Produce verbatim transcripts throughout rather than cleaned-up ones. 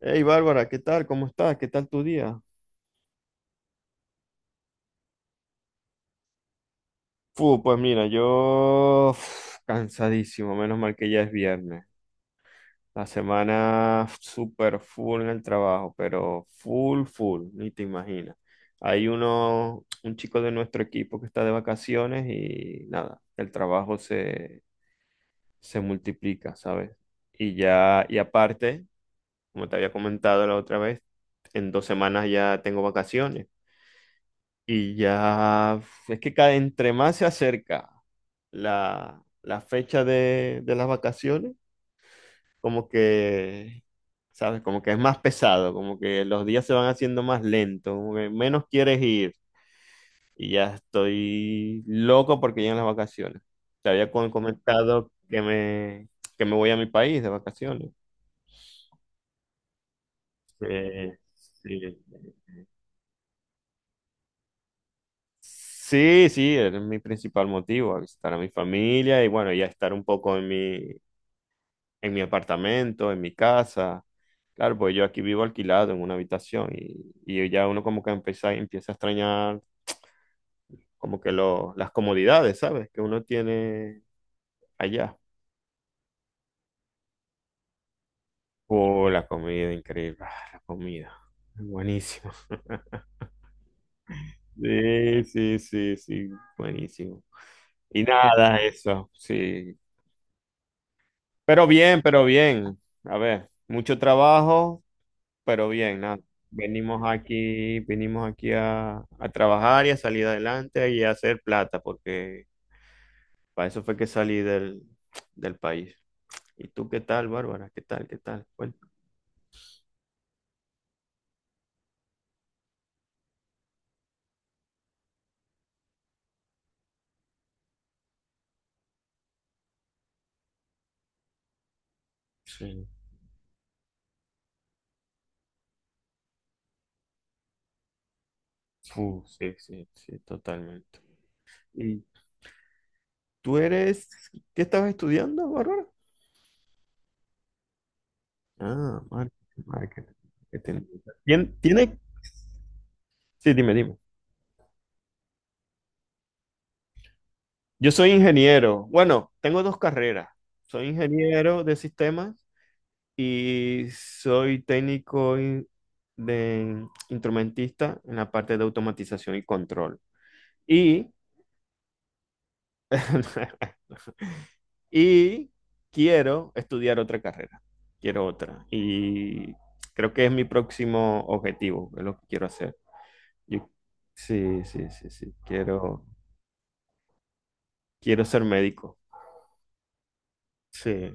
Hey Bárbara, ¿qué tal? ¿Cómo estás? ¿Qué tal tu día? Fu, pues mira, yo uf, cansadísimo, menos mal que ya es viernes. La semana súper full en el trabajo, pero full, full, ni te imaginas. Hay uno, un chico de nuestro equipo que está de vacaciones y nada, el trabajo se, se multiplica, ¿sabes? Y ya, y aparte, como te había comentado la otra vez, en dos semanas ya tengo vacaciones. Y ya es que cada, entre más se acerca la, la fecha de, de las vacaciones, como que, ¿sabes? Como que es más pesado, como que los días se van haciendo más lentos, como que menos quieres ir. Y ya estoy loco porque llegan las vacaciones. Te había con- comentado que me, que me voy a mi país de vacaciones. Eh, sí. Sí, sí, es mi principal motivo, a visitar a mi familia y bueno, ya estar un poco en mi, en mi apartamento, en mi casa. Claro, pues yo aquí vivo alquilado en una habitación y, y ya uno como que empieza, empieza a extrañar como que lo- las comodidades, ¿sabes? Que uno tiene allá. Oh, la comida, increíble. Ah, la comida. Buenísimo. Sí, sí, sí, sí, buenísimo. Y nada, eso, sí. Pero bien, pero bien. A ver, mucho trabajo, pero bien, nada. Venimos aquí, venimos aquí a, a trabajar y a salir adelante y a hacer plata, porque para eso fue que salí del, del país. ¿Y tú qué tal, Bárbara? ¿Qué tal? ¿Qué tal? Bueno, sí, fu, sí, sí, sí, totalmente. ¿Y tú eres, qué estabas estudiando, Bárbara? Ah, marketing, marketing. Marketing. ¿Tien- ¿Tiene? Sí, dime, dime. Yo soy ingeniero. Bueno, tengo dos carreras. Soy ingeniero de sistemas y soy técnico in- de instrumentista en la parte de automatización y control. Y y quiero estudiar otra carrera, quiero otra. Y creo que es mi próximo objetivo, es lo que quiero hacer. Yo- sí, sí, sí, sí, quiero, quiero ser médico. Sí,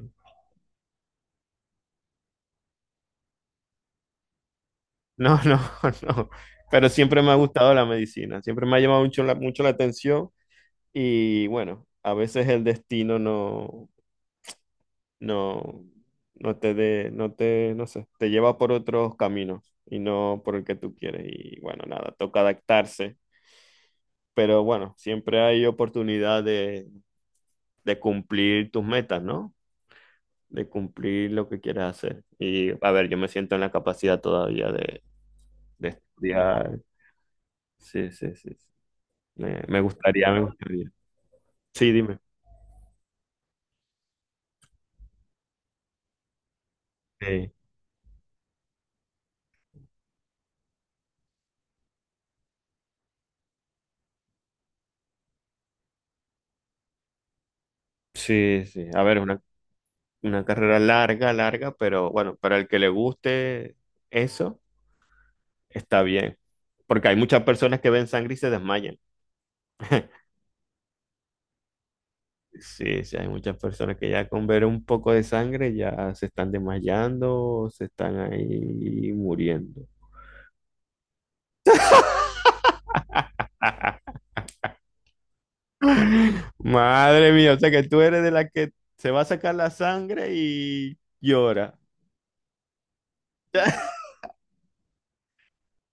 no, no, no. Pero siempre me ha gustado la medicina, siempre me ha llamado mucho la, mucho la atención. Y bueno, a veces el destino no, no, no te de, no te, no sé, te lleva por otros caminos y no por el que tú quieres. Y bueno, nada, toca adaptarse. Pero bueno, siempre hay oportunidad de, de cumplir tus metas, ¿no? De cumplir lo que quieres hacer. Y a ver, yo me siento en la capacidad todavía de, de estudiar. Sí, sí, sí, sí. Me, me gustaría, me gustaría. Sí, dime. Sí, sí, sí. A ver, es una Una carrera larga, larga, pero bueno, para el que le guste eso, está bien. Porque hay muchas personas que ven sangre y se desmayan. Sí, sí, hay muchas personas que ya con ver un poco de sangre ya se están desmayando, se están ahí muriendo. Madre mía, o sea que tú eres de la que se va a sacar la sangre y llora.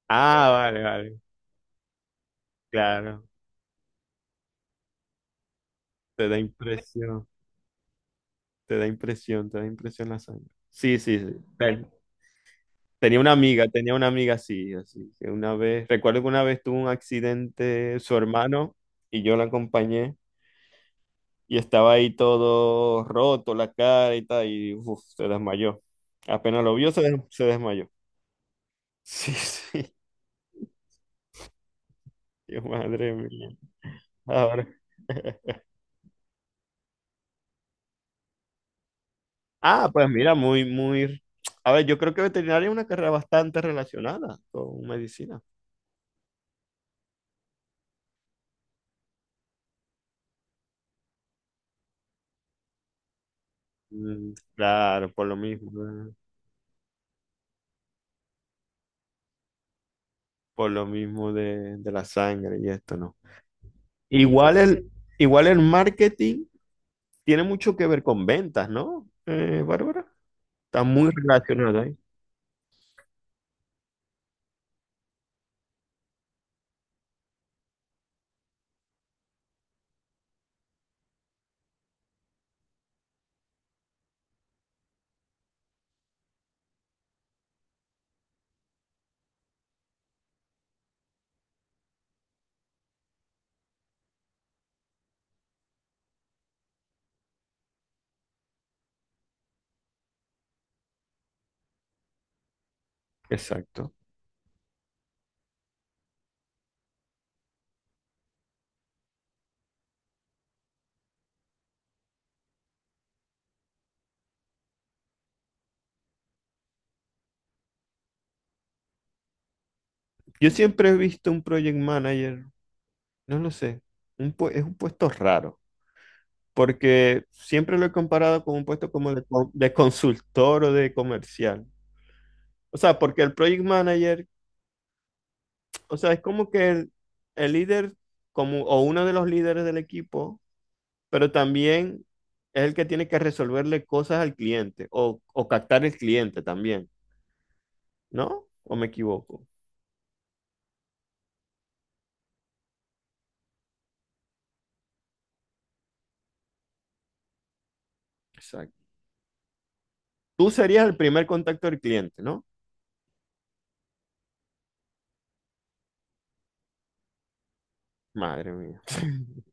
Ah, vale, vale, claro. Te da impresión, te da impresión, te da impresión la sangre. Sí, sí, sí. Te, tenía una amiga, tenía una amiga así, así, que una vez, recuerdo que una vez tuvo un accidente su hermano y yo la acompañé y estaba ahí todo roto, la cara y tal, y uf, se desmayó. Apenas lo vio, se, des- se desmayó. Sí, sí. Dios, madre mía. Ahora. Ah, pues mira, muy, muy... A ver, yo creo que veterinaria es una carrera bastante relacionada con medicina. Mm, claro, por lo mismo, eh, por lo mismo de, de la sangre y esto, ¿no? Igual entonces, el, igual el marketing tiene mucho que ver con ventas, ¿no? Eh, Bárbara, está muy relacionado ahí. Exacto. Yo siempre he visto un project manager, no lo sé, un pue- es un puesto raro, porque siempre lo he comparado con un puesto como de, con- de consultor o de comercial. O sea, porque el project manager, o sea, es como que el, el líder como, o uno de los líderes del equipo pero también es el que tiene que resolverle cosas al cliente o, o captar el cliente también, ¿no? ¿O me equivoco? Exacto. Tú serías el primer contacto del cliente, ¿no? Madre mía.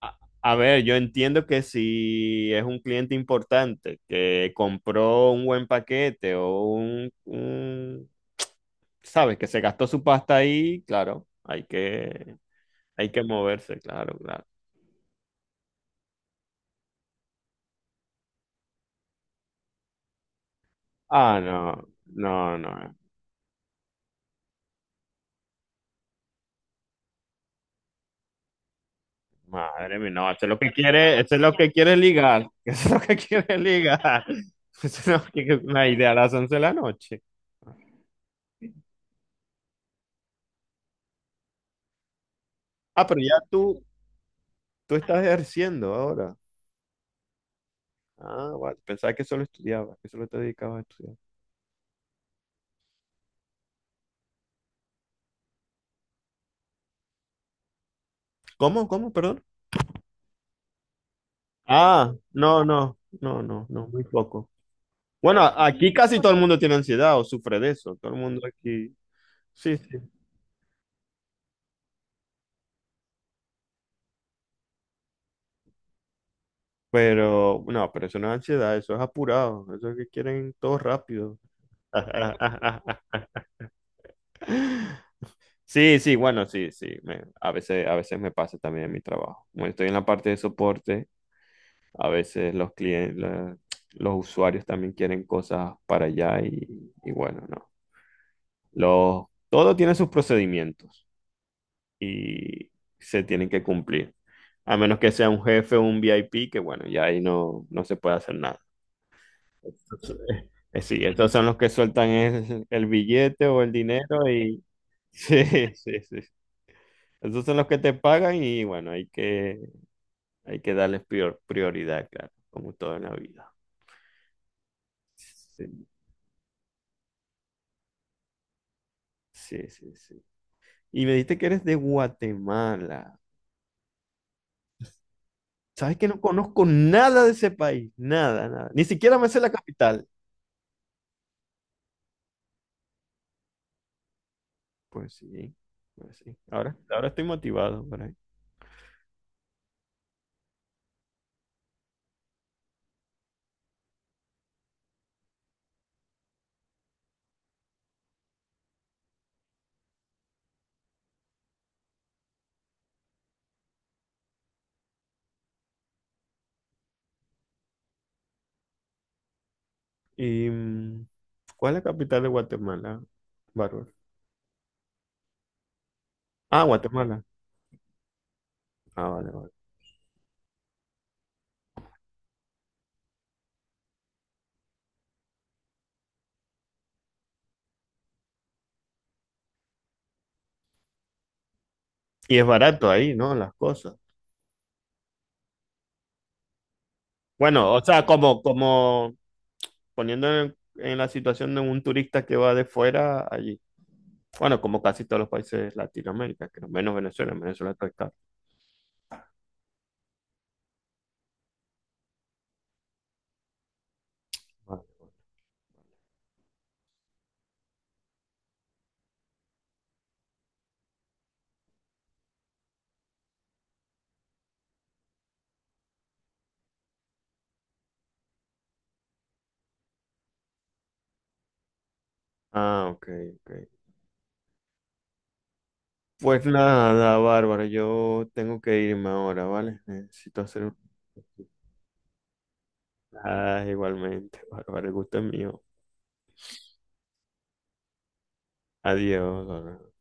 A, a ver, yo entiendo que si es un cliente importante que compró un buen paquete o un, un- sabes, que se gastó su pasta ahí, claro, hay que, hay que moverse, claro, claro. Ah, no, no, no. Madre mía, no, esto es lo que quiere, esto es lo que quiere ligar, esto es lo que quiere ligar. Esto es lo que es una idea a las once de la noche. Ah, pero ya tú, tú estás ejerciendo ahora. Ah, vale, pensaba que solo estudiabas, que solo te dedicabas a estudiar. ¿Cómo? ¿Cómo? Perdón. Ah, no, no, no, no, no, muy poco. Bueno, aquí casi todo el mundo tiene ansiedad o sufre de eso, todo el mundo aquí. Sí, sí. Pero, no, pero eso no es ansiedad, eso es apurado, eso es que quieren todo rápido. Sí, sí, bueno, sí, sí, me- a veces, a veces me pasa también en mi trabajo. Como estoy en la parte de soporte, a veces los clientes, la- los usuarios también quieren cosas para allá y, y bueno, no. Los, todo tiene sus procedimientos y se tienen que cumplir. A menos que sea un jefe o un V I P, que bueno, ya ahí no, no se puede hacer. Eh, Sí, estos son los que sueltan el, el billete o el dinero y sí, sí, sí. Estos son los que te pagan y bueno, hay que, hay que darles prior- prioridad, claro, como todo en la vida. Sí, sí, sí, sí. Y me dijiste que eres de Guatemala. ¿Sabes que no conozco nada de ese país? Nada, nada. Ni siquiera me sé la capital. Pues sí, pues sí. Ahora, ahora estoy motivado por ahí. ¿Y mm, cuál es la capital de Guatemala, Bárbara? Ah, Guatemala. Ah, vale, vale. Y es barato ahí, ¿no? Las cosas. Bueno, o sea, como, como poniendo en, en la situación de un turista que va de fuera allí. Bueno, como casi todos los países de Latinoamérica, que no, menos Venezuela, en Venezuela está caro. Vale. Ah, ok, ok. Pues nada, Bárbara, yo tengo que irme ahora, ¿vale? Necesito hacer un... Ah, igualmente, Bárbara, el gusto es mío. Adiós, Bárbara.